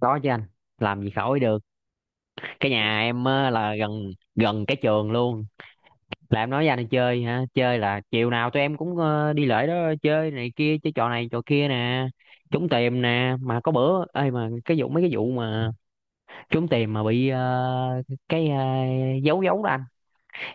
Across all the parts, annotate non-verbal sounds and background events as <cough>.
Có chứ anh, làm gì khỏi được. Cái nhà em á, là gần gần cái trường luôn. Là em nói với anh chơi hả, chơi là chiều nào tụi em cũng đi lễ đó. Chơi này kia, chơi trò này trò kia nè, trúng tiền nè, mà có bữa ơi mà cái vụ, mấy cái vụ mà trúng tiền mà bị cái ờ, dấu dấu đó anh,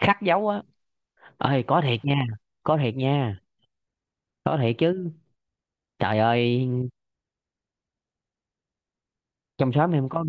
khắc dấu á. Ơi có thiệt nha, có thiệt nha, có thiệt chứ, trời ơi. Trong xóm em có,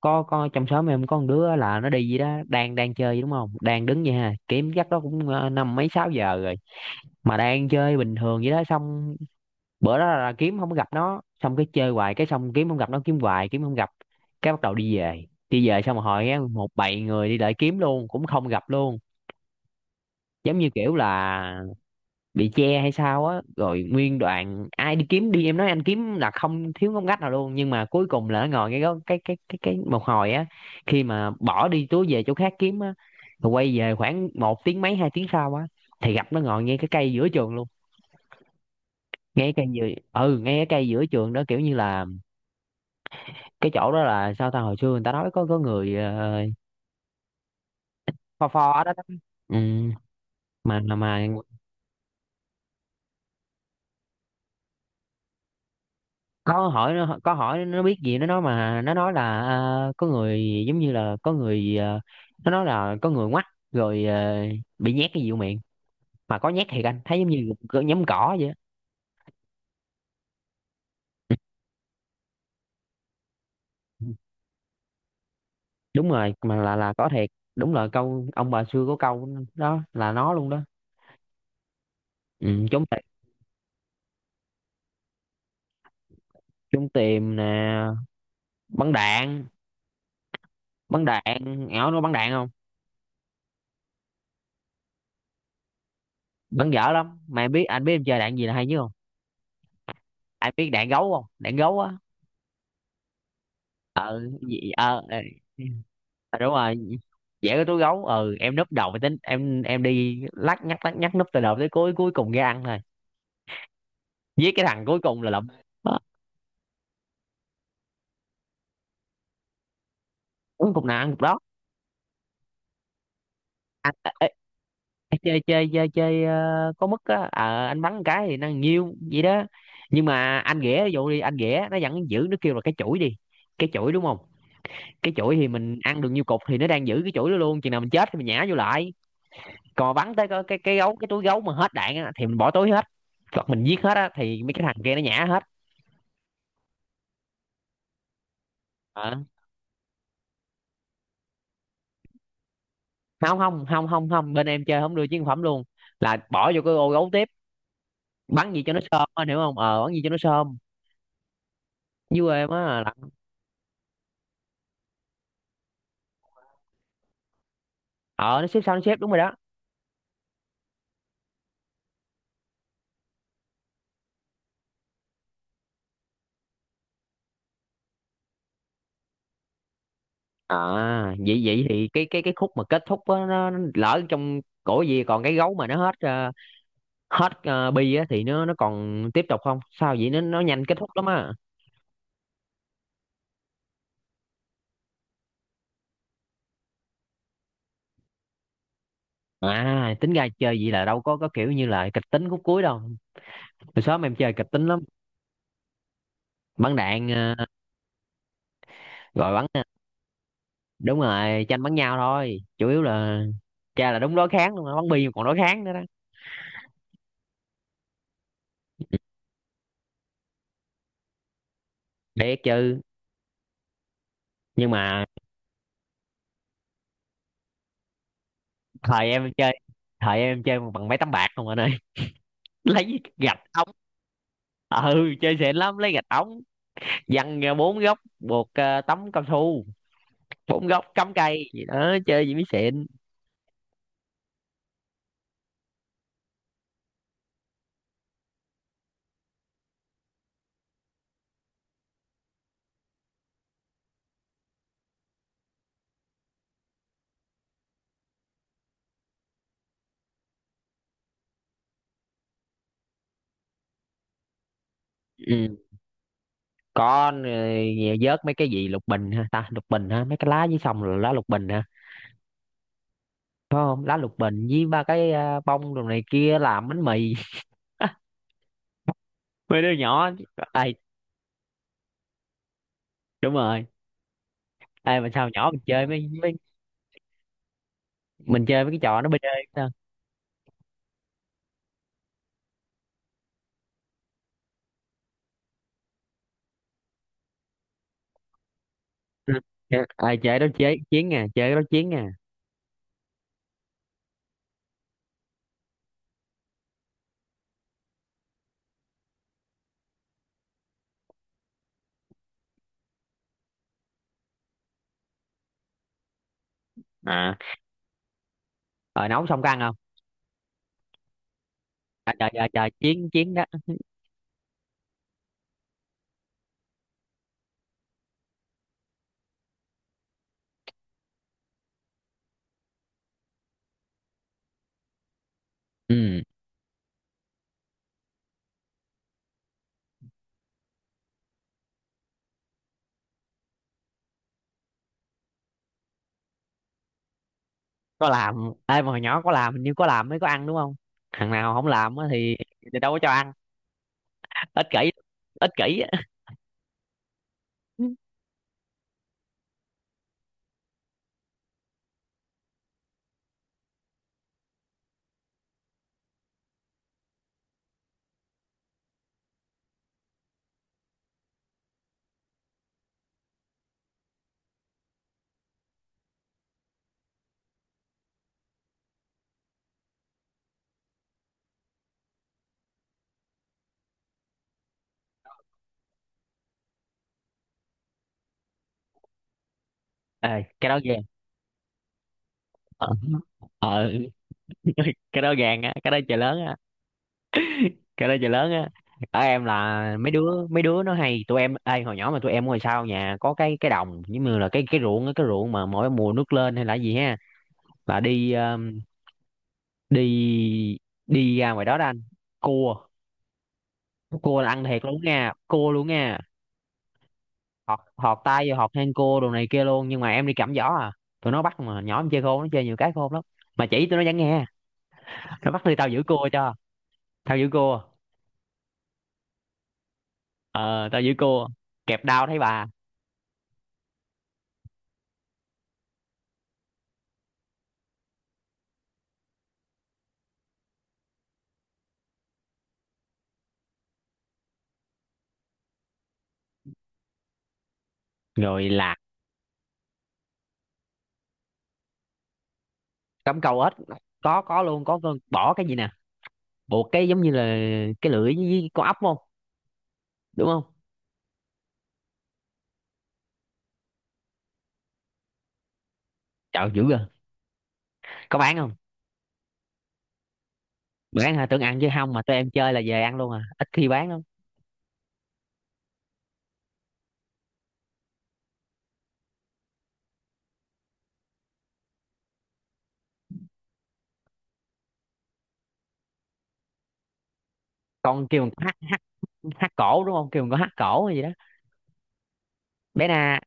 có trong xóm em có con đứa là nó đi gì đó, đang đang chơi đúng không, đang đứng vậy ha, kiếm chắc đó cũng năm mấy sáu giờ rồi, mà đang chơi bình thường vậy đó. Xong bữa đó là kiếm không có gặp nó, xong cái chơi hoài, cái xong kiếm không gặp nó, kiếm hoài kiếm không gặp. Cái bắt đầu đi về, đi về xong rồi hỏi á, một bầy người đi lại kiếm luôn cũng không gặp luôn. Giống như kiểu là bị che hay sao á, rồi nguyên đoạn ai đi kiếm đi, em nói anh kiếm là không thiếu ngóc ngách nào luôn, nhưng mà cuối cùng là nó ngồi ngay đó. Cái một hồi á, khi mà bỏ đi túi về chỗ khác kiếm á, rồi quay về khoảng một tiếng mấy, hai tiếng sau á, thì gặp nó ngồi ngay cái cây giữa trường luôn. Ngay cái cây giữa, ừ, ngay cái cây giữa trường đó, kiểu như là cái chỗ đó là sao ta, hồi xưa người ta nói có người pho pho ở đó đó. Ừ, mà. Có hỏi nó, có hỏi nó biết gì, nó nói mà, nó nói là à, có người, giống như là có người à, nó nói là có người ngoắt rồi à, bị nhét cái gì vô miệng, mà có nhét thiệt, anh thấy giống như cỡ nhấm cỏ vậy á. Đúng rồi, mà là có thiệt. Đúng là câu ông bà xưa có câu, đó là nó luôn đó. Ừ, trốn tìm, trốn tìm nè, bắn đạn, bắn đạn. Ảo nó bắn đạn không? Bắn dở lắm, mà em biết anh biết em chơi đạn gì là hay chứ không. Anh biết đạn gấu không, đạn gấu á. Gì ờ, ờ. À, đúng rồi, vẽ cái túi gấu, ừ em núp đầu mới tính, em đi lắc nhắc lắc nhắc, núp từ đầu tới cuối, cuối cùng ra ăn thôi, giết cái thằng cuối cùng là lụm. Đó, cuối cùng nào ăn cục đó. Ê, ê, chơi chơi chơi chơi ờ, có mức á. Ờ, anh bắn một cái thì nó nhiêu vậy đó, nhưng mà anh ghẻ ví dụ đi, anh ghẻ nó vẫn giữ, nó kêu là cái chuỗi đi, cái chuỗi đúng không. Cái chuỗi thì mình ăn được nhiêu cục thì nó đang giữ cái chuỗi đó luôn, chừng nào mình chết thì mình nhả vô lại. Còn bắn tới cái gấu, cái túi gấu mà hết đạn á, thì mình bỏ túi hết. Còn mình giết hết á, thì mấy cái thằng kia nó nhả hết. Ờ, không không không không không bên em chơi không đưa chiến phẩm luôn, là bỏ vô cái ô gấu tiếp. Bắn gì cho nó sơm á, hiểu không, ờ, bắn gì cho nó sơm. Dưới quê em á là, ờ nó xếp sao nó xếp, đúng rồi đó. À vậy vậy thì cái khúc mà kết thúc á, nó lỡ trong cổ gì, còn cái gấu mà nó hết ờ, hết bi á thì nó còn tiếp tục không, sao vậy, nó nhanh kết thúc lắm á. À tính ra chơi vậy là đâu có kiểu như là kịch tính khúc cuối đâu. Hồi xóm em chơi kịch tính lắm, bắn đạn ờ, rồi bắn. Đúng rồi, tranh bắn nhau thôi chủ yếu là, cha là đúng đối kháng luôn á, bắn bi mà còn đối kháng nữa đó. Để chứ. Nhưng mà thời em chơi, thời em chơi bằng mấy tấm bạc không anh ơi, <laughs> lấy gạch ống. Ừ chơi xịn lắm, lấy gạch ống, văng ra bốn góc, buộc tấm cao su, bốn góc cắm cây gì đó, chơi gì mới xịn. Ừ. Con rồi, vớt mấy cái gì, lục bình ha ta, lục bình ha, mấy cái lá dưới sông là lá lục bình ha, phải không, lá lục bình với ba cái bông đồ này kia làm bánh mì. <laughs> Mấy đứa nhỏ ai, đúng rồi. Ai mà sao nhỏ mình chơi mấy mấy mình chơi với cái trò nó bê đê. Đó. Ừ. À, chơi đó chế chiến nè, chơi cái đó chiến nè. À rồi nấu xong có ăn không? À, trời trời trời, chiến chiến đó. Ừ, có làm. Ê mà hồi nhỏ có làm hình như, có làm mới có ăn đúng không, thằng nào không làm á thì đâu có cho ăn. Ích kỷ, ích kỷ á. <laughs> Ê cái đó ghê, ờ. Ờ, cái đó gàn á, cái đó trời lớn á, cái đó trời lớn á. Ở em là mấy đứa, mấy đứa nó hay tụi em, ê hồi nhỏ mà tụi em ngồi sau nhà có cái đồng giống như là cái ruộng á, cái ruộng mà mỗi mùa nước lên hay là gì ha, là đi đi, đi ra ngoài đó đó anh, cua. Cua là ăn thiệt luôn nha, cua luôn nha. Họt họt tay vô, họt hang cua đồ này kia luôn, nhưng mà em đi cầm giỏ à. Tụi nó bắt mà nhỏ em chơi khôn, nó chơi nhiều cái khôn lắm, mà chỉ tụi nó vẫn nghe, nó bắt đi, tao giữ cua cho, tao giữ cua, ờ tao giữ cua, kẹp đao thấy bà. Rồi lạc, cắm câu ếch, có luôn, có con bỏ cái gì nè, buộc cái giống như là cái lưỡi với con ốc không, đúng không. Trời dữ rồi. Có bán không? Bán hả, tưởng ăn chứ, không mà tụi em chơi là về ăn luôn à, ít khi bán lắm. Con kêu con hát hát, hát cổ đúng không, kêu con có hát cổ hay gì đó. Bé na,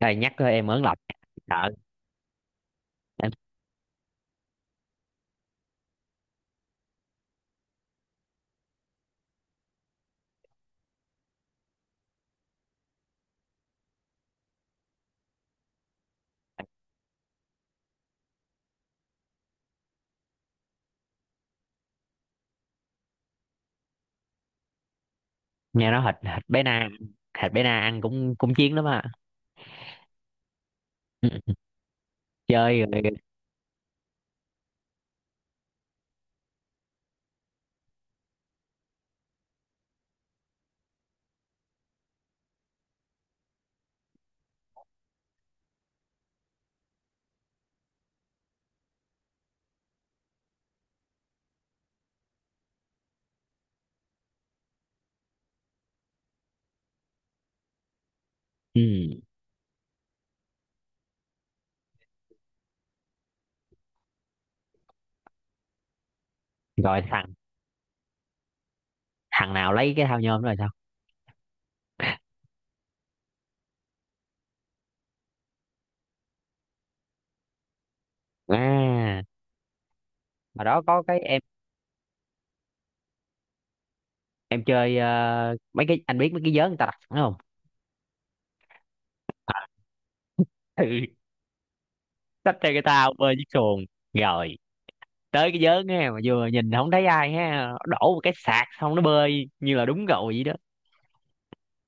trời nhắc thôi em ớn lòng, sợ, em nghe nói thịt, thịt bé na, thịt bé na ăn cũng cũng chiến lắm à. Ừ. Chơi rồi. Ừ. Rồi thằng, thằng nào lấy cái thao nhôm đó rồi sao? À hồi đó có cái em chơi mấy cái, anh biết mấy cái vớ người ta đặt sẵn không. À, ừ, xách theo cái tao bơi chiếc xuồng, rồi tới cái vớ nghe, mà vừa nhìn không thấy ai ha, đổ một cái sạc xong nó bơi như là đúng rồi vậy đó.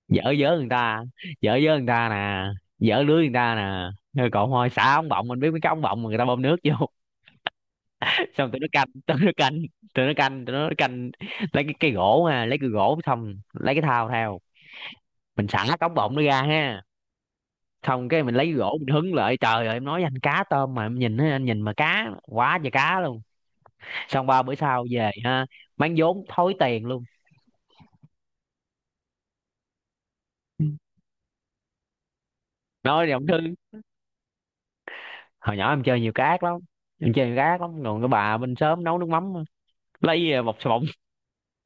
Dở dớ người ta, dở dớ người ta nè, dở lưới người ta nè. Rồi còn thôi xả ống bọng, mình biết mấy cái ống bọng mà người ta bơm nước vô, <laughs> xong tụi nó canh, tụi nó canh, tụi nó canh, tụi nó canh, lấy cái cây gỗ ha, lấy cái gỗ xong lấy cái thao theo, mình xả cái ống bọng nó ra ha, xong cái mình lấy cái gỗ mình hứng lại, trời ơi em nói với anh, cá tôm mà em nhìn á, anh nhìn mà cá quá trời cá luôn. Xong ba bữa sau về ha, mang vốn thối tiền luôn. Nói thì ông Thư, hồi nhỏ em chơi nhiều cá ác lắm, em chơi nhiều cá ác lắm. Còn cái bà bên xóm nấu nước mắm, lấy bọc xà bông,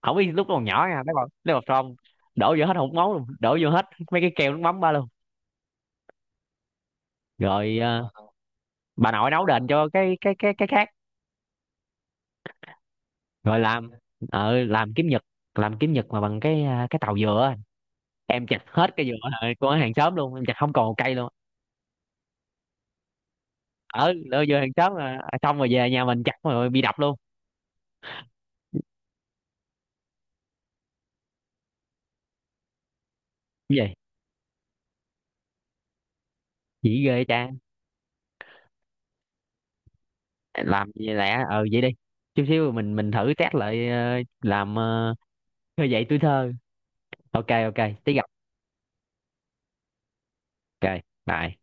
không biết, lúc còn nhỏ nha, lấy bọc, lấy bọc xà bông đổ vô hết, hột máu luôn đổ vô hết mấy cái keo nước mắm ba luôn. Rồi ờ, bà nội nấu đền cho cái khác. Rồi làm, ờ làm kiếm nhật, làm kiếm nhật mà bằng cái à, cái tàu dừa á. Em chặt hết cây dừa ờ, của hàng xóm luôn, em chặt không còn một cây luôn. Ở lỡ dừa hàng xóm mà, xong rồi về nhà mình chặt rồi bị đập luôn. Cái gì? Chỉ ghê cha. Làm gì lẹ, ờ vậy đi, chút xíu mình thử test lại ờ, làm ờ, khơi dậy tuổi thơ. Ok ok tí gặp. Ok, bye.